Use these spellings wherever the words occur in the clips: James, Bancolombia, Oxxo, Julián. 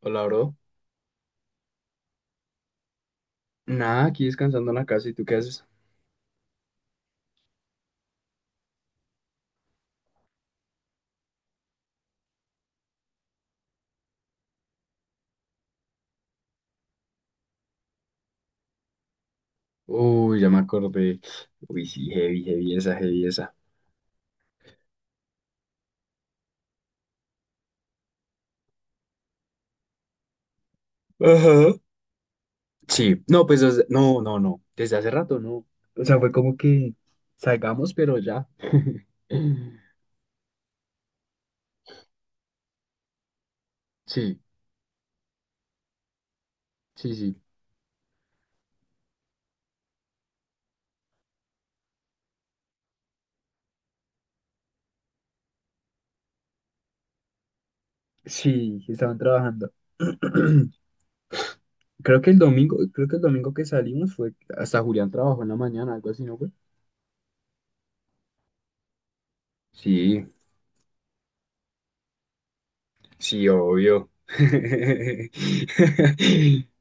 Hola, bro. Nada, aquí descansando en la casa. ¿Y tú qué haces? Uy, ya me acordé. Uy, sí, heavy, heavy esa, heavy esa. Ajá. Sí, no, no, no, no. Desde hace rato, no. O sea, fue como que salgamos, pero ya. Sí, sí, sí. Sí, estaban trabajando. Creo que el domingo que salimos fue hasta Julián trabajó en la mañana, algo así, ¿no fue? Sí, sí, obvio.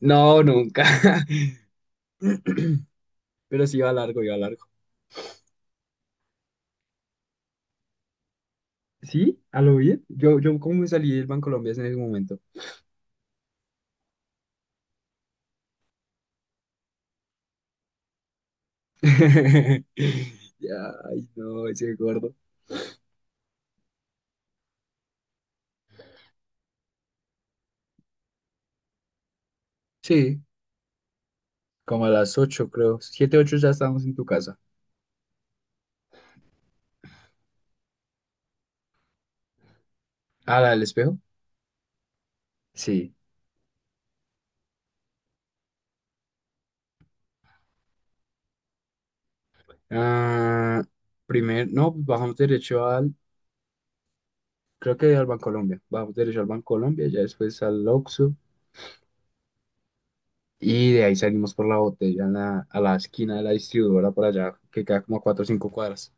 No, nunca. Pero sí iba largo, iba largo. Sí, a lo bien. Yo como me salí del Bancolombia es en ese momento. Ya, ay, no, ese gordo. Sí, como a las 8 creo. Siete 8 ya estábamos en tu casa. ¿A la del espejo? Sí. Ah, primer, no, pues bajamos derecho al, creo que al Bancolombia. Bajamos derecho al Bancolombia, ya después al Oxxo. Y de ahí salimos por la botella en a la esquina de la distribuidora para allá, que queda como a 4 o 5 cuadras.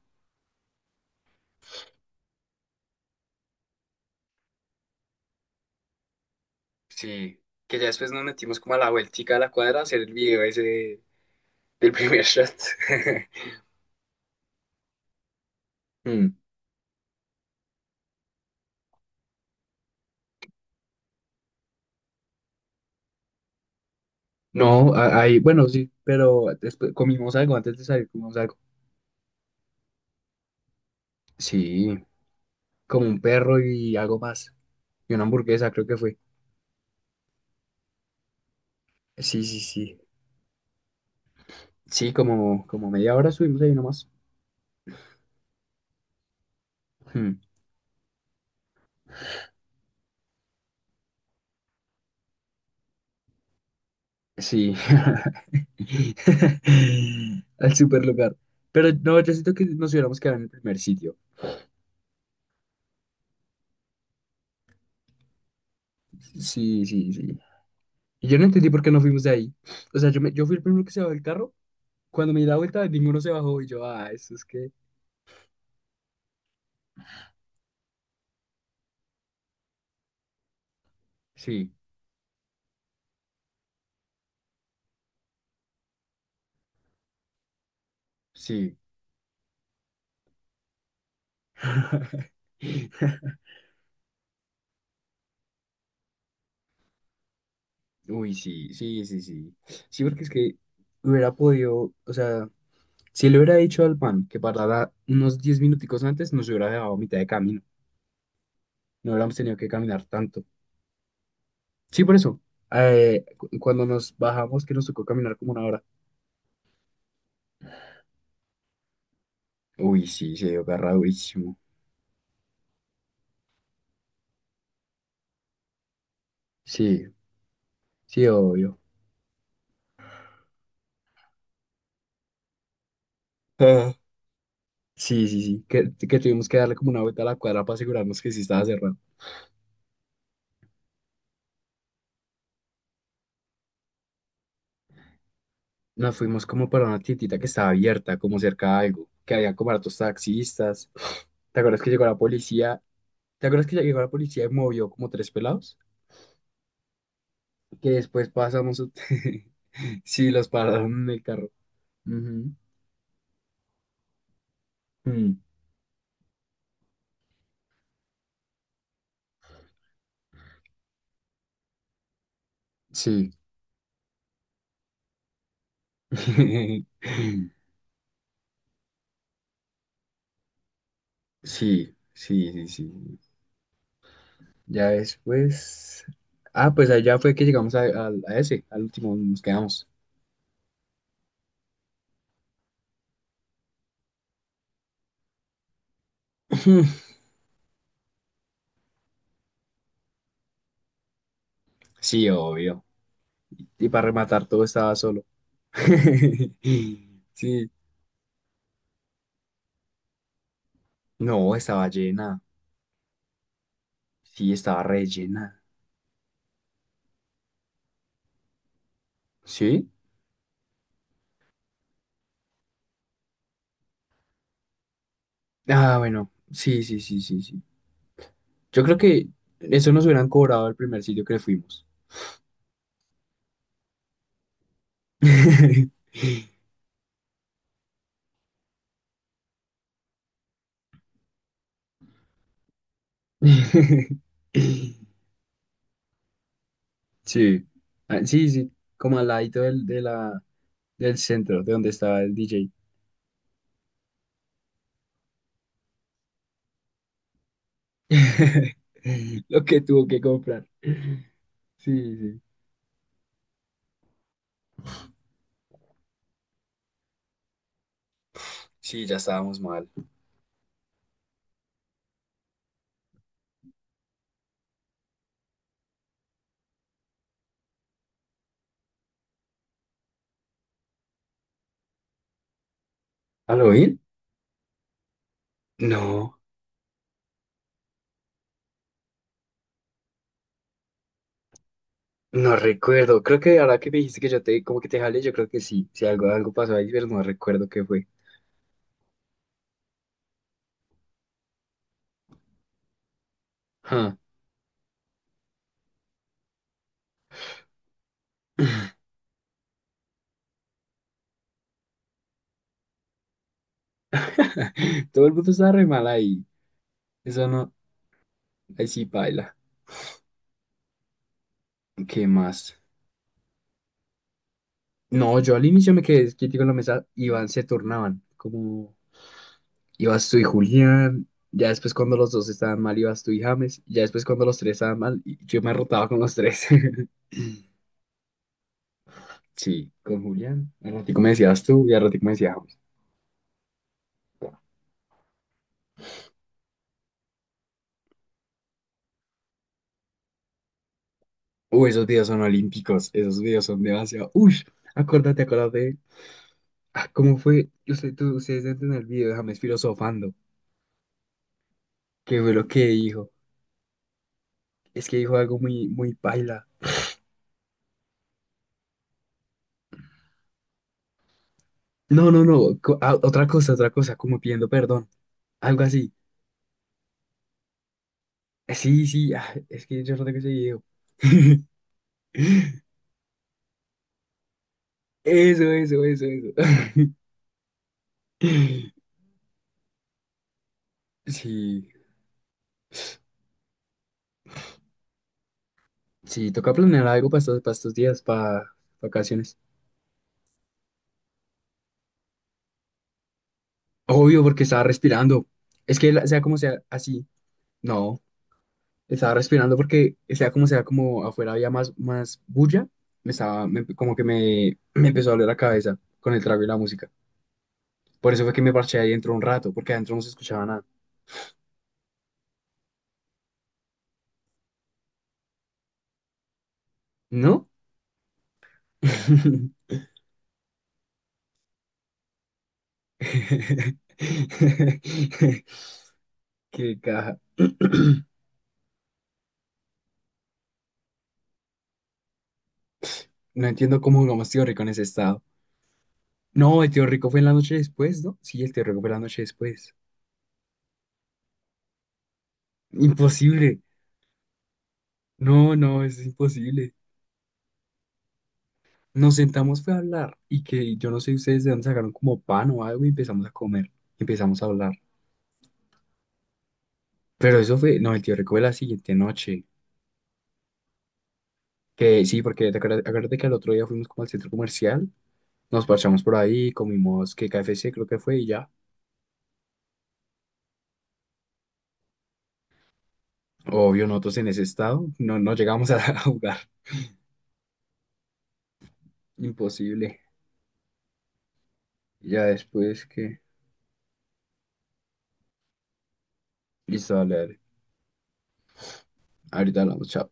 Sí, que ya después nos metimos como a la vueltica de la cuadra a hacer el video ese del primer shot. Mm, no, ahí, bueno, sí, pero después comimos algo antes de salir, comimos algo. Sí, como un perro y algo más. Y una hamburguesa, creo que fue. Sí, sí, sí. Sí, como, como media hora subimos ahí nomás. Mm, sí. Al super lugar. Pero no, yo siento que nos hubiéramos quedado en el primer sitio. Sí, sí, sí. Y yo no entendí por qué nos fuimos de ahí. O sea, yo fui el primero que se bajó del carro. Cuando me di la vuelta, ninguno se bajó. Y yo, ah, eso es que. Sí, sí. Uy, sí, sí, sí, sí. Sí, porque es que hubiera podido. O sea, si le hubiera dicho al pan que parara unos 10 minuticos antes, nos hubiera dejado a mitad de camino. No hubiéramos tenido que caminar tanto. Sí, por eso. Cuando nos bajamos, que nos tocó caminar como una hora. Uy, sí, se dio agarradísimo. Sí, sí, obvio. Sí, sí, sí, que tuvimos que darle como una vuelta a la cuadra para asegurarnos que sí estaba cerrado. Nos fuimos como para una tiendita que estaba abierta, como cerca de algo, que había como hartos taxistas. ¿Te acuerdas que llegó la policía? ¿Te acuerdas que llegó la policía y movió como tres pelados? Que después pasamos... Sí, los pararon en el carro. Ujú. Mm, sí. Sí, sí, sí, sí. Ya después... Ah, pues allá fue que llegamos a ese, al último, nos quedamos. Sí, obvio. Y para rematar, todo estaba solo. Sí, no, estaba llena. Sí, estaba re llena. ¿Sí? Ah, bueno, sí, sí, sí, sí, sí. Yo creo que eso nos hubieran cobrado el primer sitio que fuimos. Sí, ah, sí, sí, como al ladito del centro, de donde estaba el DJ. Lo que tuvo que comprar. Sí, sí. Sí, ya estábamos mal. ¿Al oír? No. No recuerdo, creo que ahora que me dijiste que yo te como que te jalé, yo creo que sí, si algo, algo pasó ahí, pero no recuerdo qué fue. Ja. Todo el mundo estaba re mal ahí. Eso no, ahí sí baila. ¿Qué más? No, yo al inicio me quedé quietico en la mesa, iban, se turnaban, como ibas tú y Julián, ya después cuando los dos estaban mal ibas tú y James, ya después cuando los tres estaban mal, y yo me rotaba con los tres. Sí, con Julián, al ratico me decías tú y al ratico me decía. Uy, esos días son olímpicos, esos días son demasiado. Uy, acuérdate, acuérdate. Ah, ¿cómo fue? Ustedes dentro en el video, déjame es filosofando. ¿Qué fue lo que dijo? Es que dijo algo muy, muy paila. No, no, no. Ah, otra cosa, como pidiendo perdón. Algo así. Sí, sí, ah, es que yo no tengo ese video. Eso, eso, eso, eso. Sí. Sí, toca planear algo para estos días, para vacaciones. Obvio, porque estaba respirando. Es que sea como sea, así. No, estaba respirando porque sea, como afuera había más, más bulla, me estaba, me- como que me empezó a doler la cabeza con el trago y la música. Por eso fue que me parché ahí dentro un rato, porque adentro no se escuchaba nada. ¿No? Qué caja. No entiendo cómo jugamos tío rico en ese estado. No, el tío rico fue en la noche después, ¿no? Sí, el tío rico fue la noche después. Imposible. No, no, es imposible. Nos sentamos fue a hablar y que yo no sé ustedes de dónde sacaron como pan o algo y empezamos a comer, empezamos a hablar. Pero eso fue, no, el tío recuerdo la siguiente noche, que sí, porque acuérdate que al otro día fuimos como al centro comercial, nos parchamos por ahí, comimos que KFC creo que fue y ya. Obvio, nosotros en ese estado no, no llegamos a, a jugar, imposible. Ya después que, listo, dale, dale. Ahorita hablamos, chao.